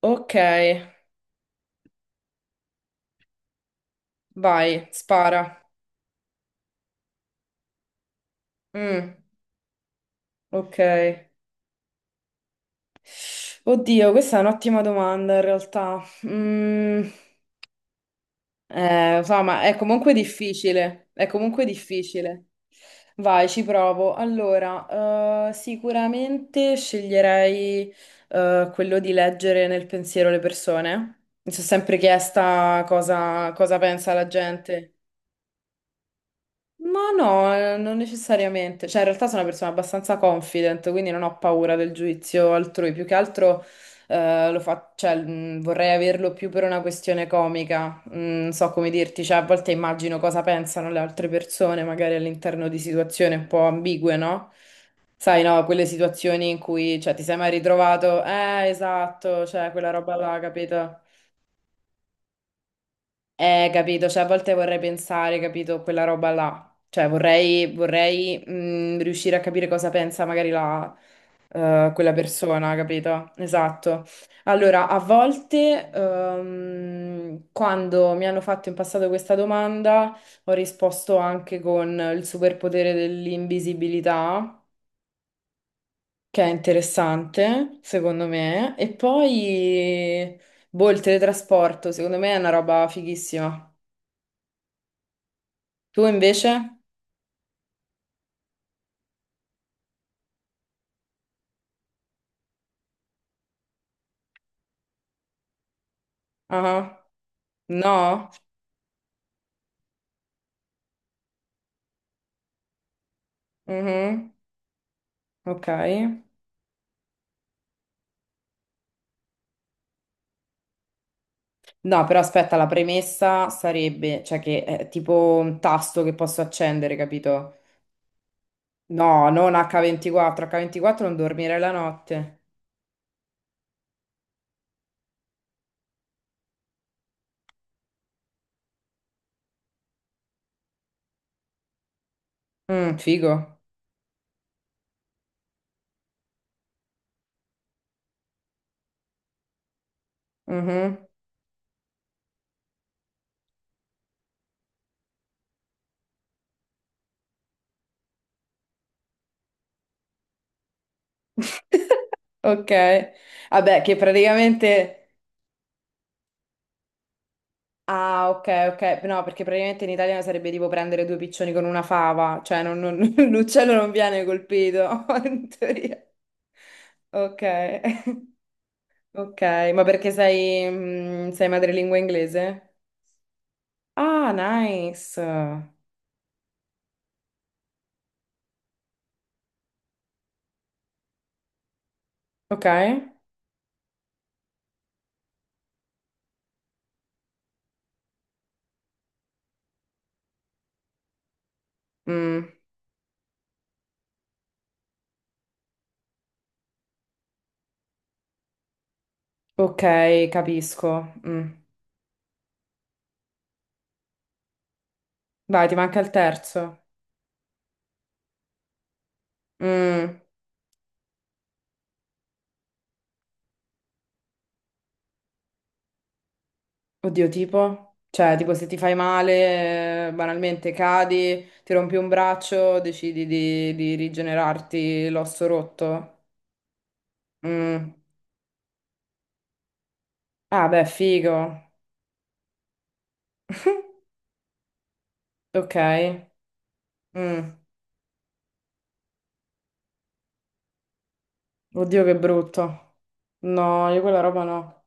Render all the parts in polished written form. Ok, vai, spara. Mm, ok. Oddio, questa è un'ottima domanda in realtà. Lo so, ma è comunque difficile. È comunque difficile. Vai, ci provo. Allora, sicuramente sceglierei, quello di leggere nel pensiero le persone. Mi sono sempre chiesta cosa pensa la gente. Ma no, non necessariamente. Cioè, in realtà sono una persona abbastanza confident, quindi non ho paura del giudizio altrui. Più che altro cioè, vorrei averlo più per una questione comica. Non so come dirti, cioè, a volte immagino cosa pensano le altre persone, magari all'interno di situazioni un po' ambigue, no? Sai, no, quelle situazioni in cui, cioè, ti sei mai ritrovato, esatto, cioè, quella roba là, capito? Capito, cioè a volte vorrei pensare, capito, quella roba là, cioè vorrei riuscire a capire cosa pensa magari quella persona, capito? Esatto. Allora, a volte quando mi hanno fatto in passato questa domanda ho risposto anche con il superpotere dell'invisibilità, che è interessante, secondo me, e poi, boh, il teletrasporto, secondo me è una roba fighissima. Tu invece? Ah, no? Mhm, ok. No, però aspetta, la premessa sarebbe, cioè che è tipo un tasto che posso accendere, capito? No, non H24, H24 non dormire la notte. Mm, figo. Mhm. Ok, vabbè, che praticamente... Ah, ok, ok, no, perché praticamente in italiano sarebbe tipo prendere due piccioni con una fava, cioè l'uccello non viene colpito, in teoria. Ok. Ok, ma perché sei madrelingua inglese? Ah, nice. Ok. Mm, ok, capisco. Mm. Vai, ti manca il terzo. Mm, Oddio, tipo? Cioè, tipo se ti fai male, banalmente cadi, ti rompi un braccio, decidi di rigenerarti l'osso rotto. Mm. Ah, beh, figo. Ok. Mm. Oddio, che brutto. No, io quella roba no.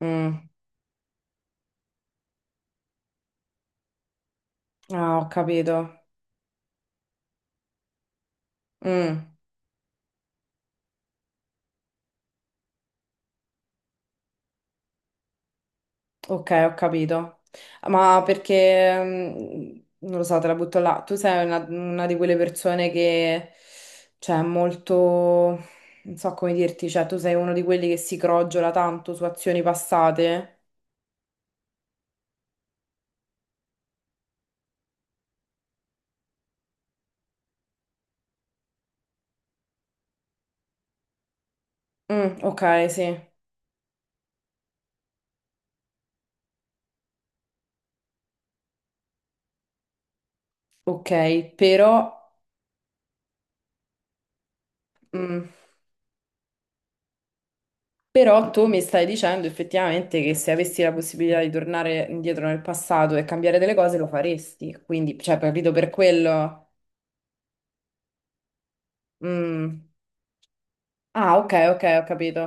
Mm. Ah, ho capito. Mm, ok, ho capito. Ma perché, non lo so, te la butto là. Tu sei una di quelle persone che, cioè, è molto, non so come dirti, cioè, tu sei uno di quelli che si crogiola tanto su azioni passate. Mm, ok, sì. Ok, mm, però tu mi stai dicendo effettivamente che se avessi la possibilità di tornare indietro nel passato e cambiare delle cose lo faresti. Quindi, cioè, capito per quello. Mm. Ah, ok, ok, ho capito.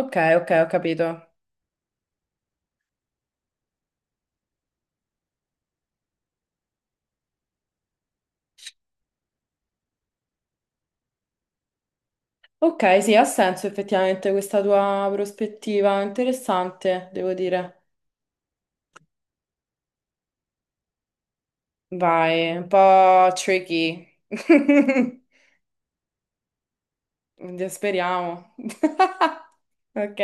Ok, ok, ho capito. Ok, sì, ha senso effettivamente questa tua prospettiva. Interessante, devo dire. Vai, un po' tricky. Quindi speriamo. Ok.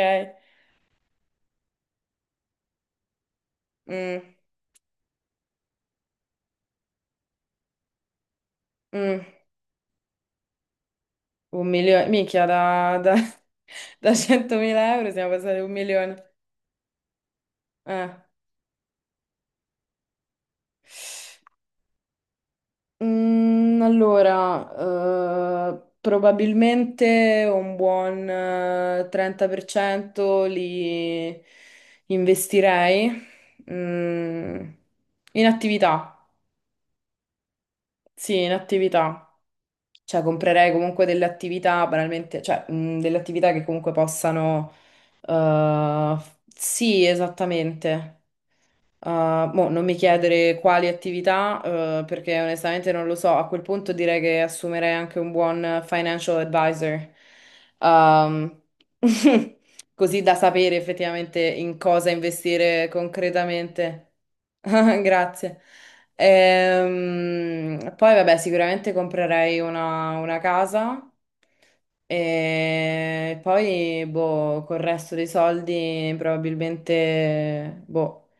Mm, mm. Un milione. Minchia, da 100.000 euro siamo passati a un milione. Eh. Allora, probabilmente un buon 30% li investirei mm, in attività, sì, in attività. Cioè, comprerei comunque delle attività, banalmente, cioè, delle attività che comunque possano... eh, sì, esattamente. Mo non mi chiedere quali attività, perché onestamente non lo so. A quel punto direi che assumerei anche un buon financial advisor, Um, così da sapere effettivamente in cosa investire concretamente. Grazie. Poi, vabbè, sicuramente comprerei una casa. E poi, boh, col resto dei soldi probabilmente, boh,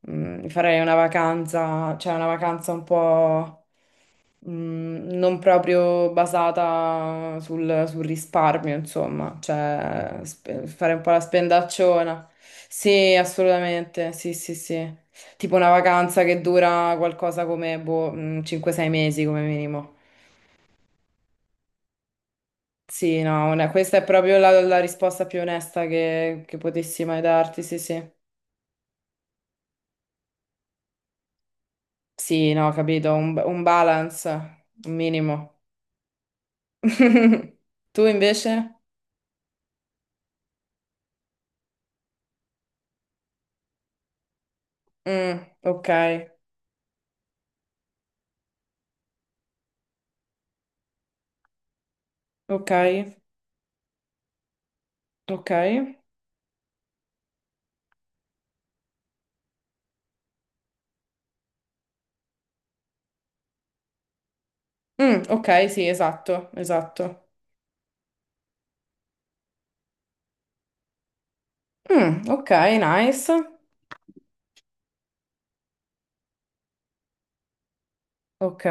farei una vacanza, cioè una vacanza un po' non proprio basata sul risparmio, insomma, cioè fare un po' la spendacciona. Sì, assolutamente, sì, sì, sì. Tipo una vacanza che dura qualcosa come, boh, 5-6 mesi come minimo. Sì, no, questa è proprio la risposta più onesta che potessi mai darti, sì, sì. Sì, no, capito, un balance, un minimo. Tu invece? Mm, ok, ok, ok. Mm, ok, sì, esatto, esatto. Mm, ok, nice. Ok.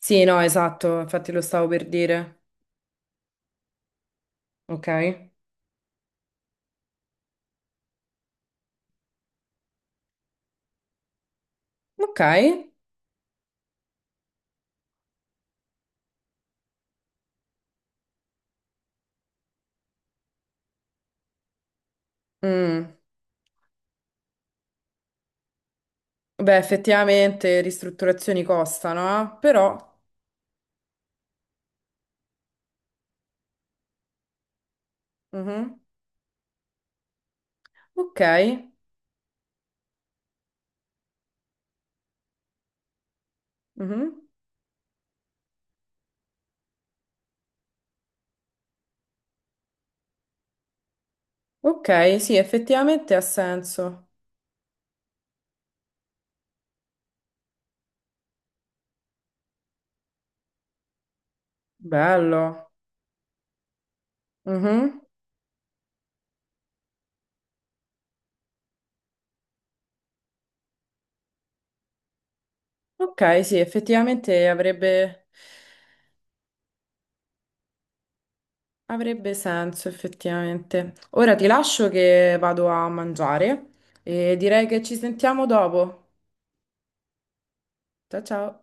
Sì, no, esatto, infatti lo stavo per dire. Ok, ok. Mm. Beh, effettivamente ristrutturazioni costano, eh? Però... Mhm. Ok, mhm. Ok, sì, effettivamente ha senso. Bello. Mhm. Ok, sì, effettivamente avrebbe senso, effettivamente. Ora ti lascio che vado a mangiare e direi che ci sentiamo dopo. Ciao ciao.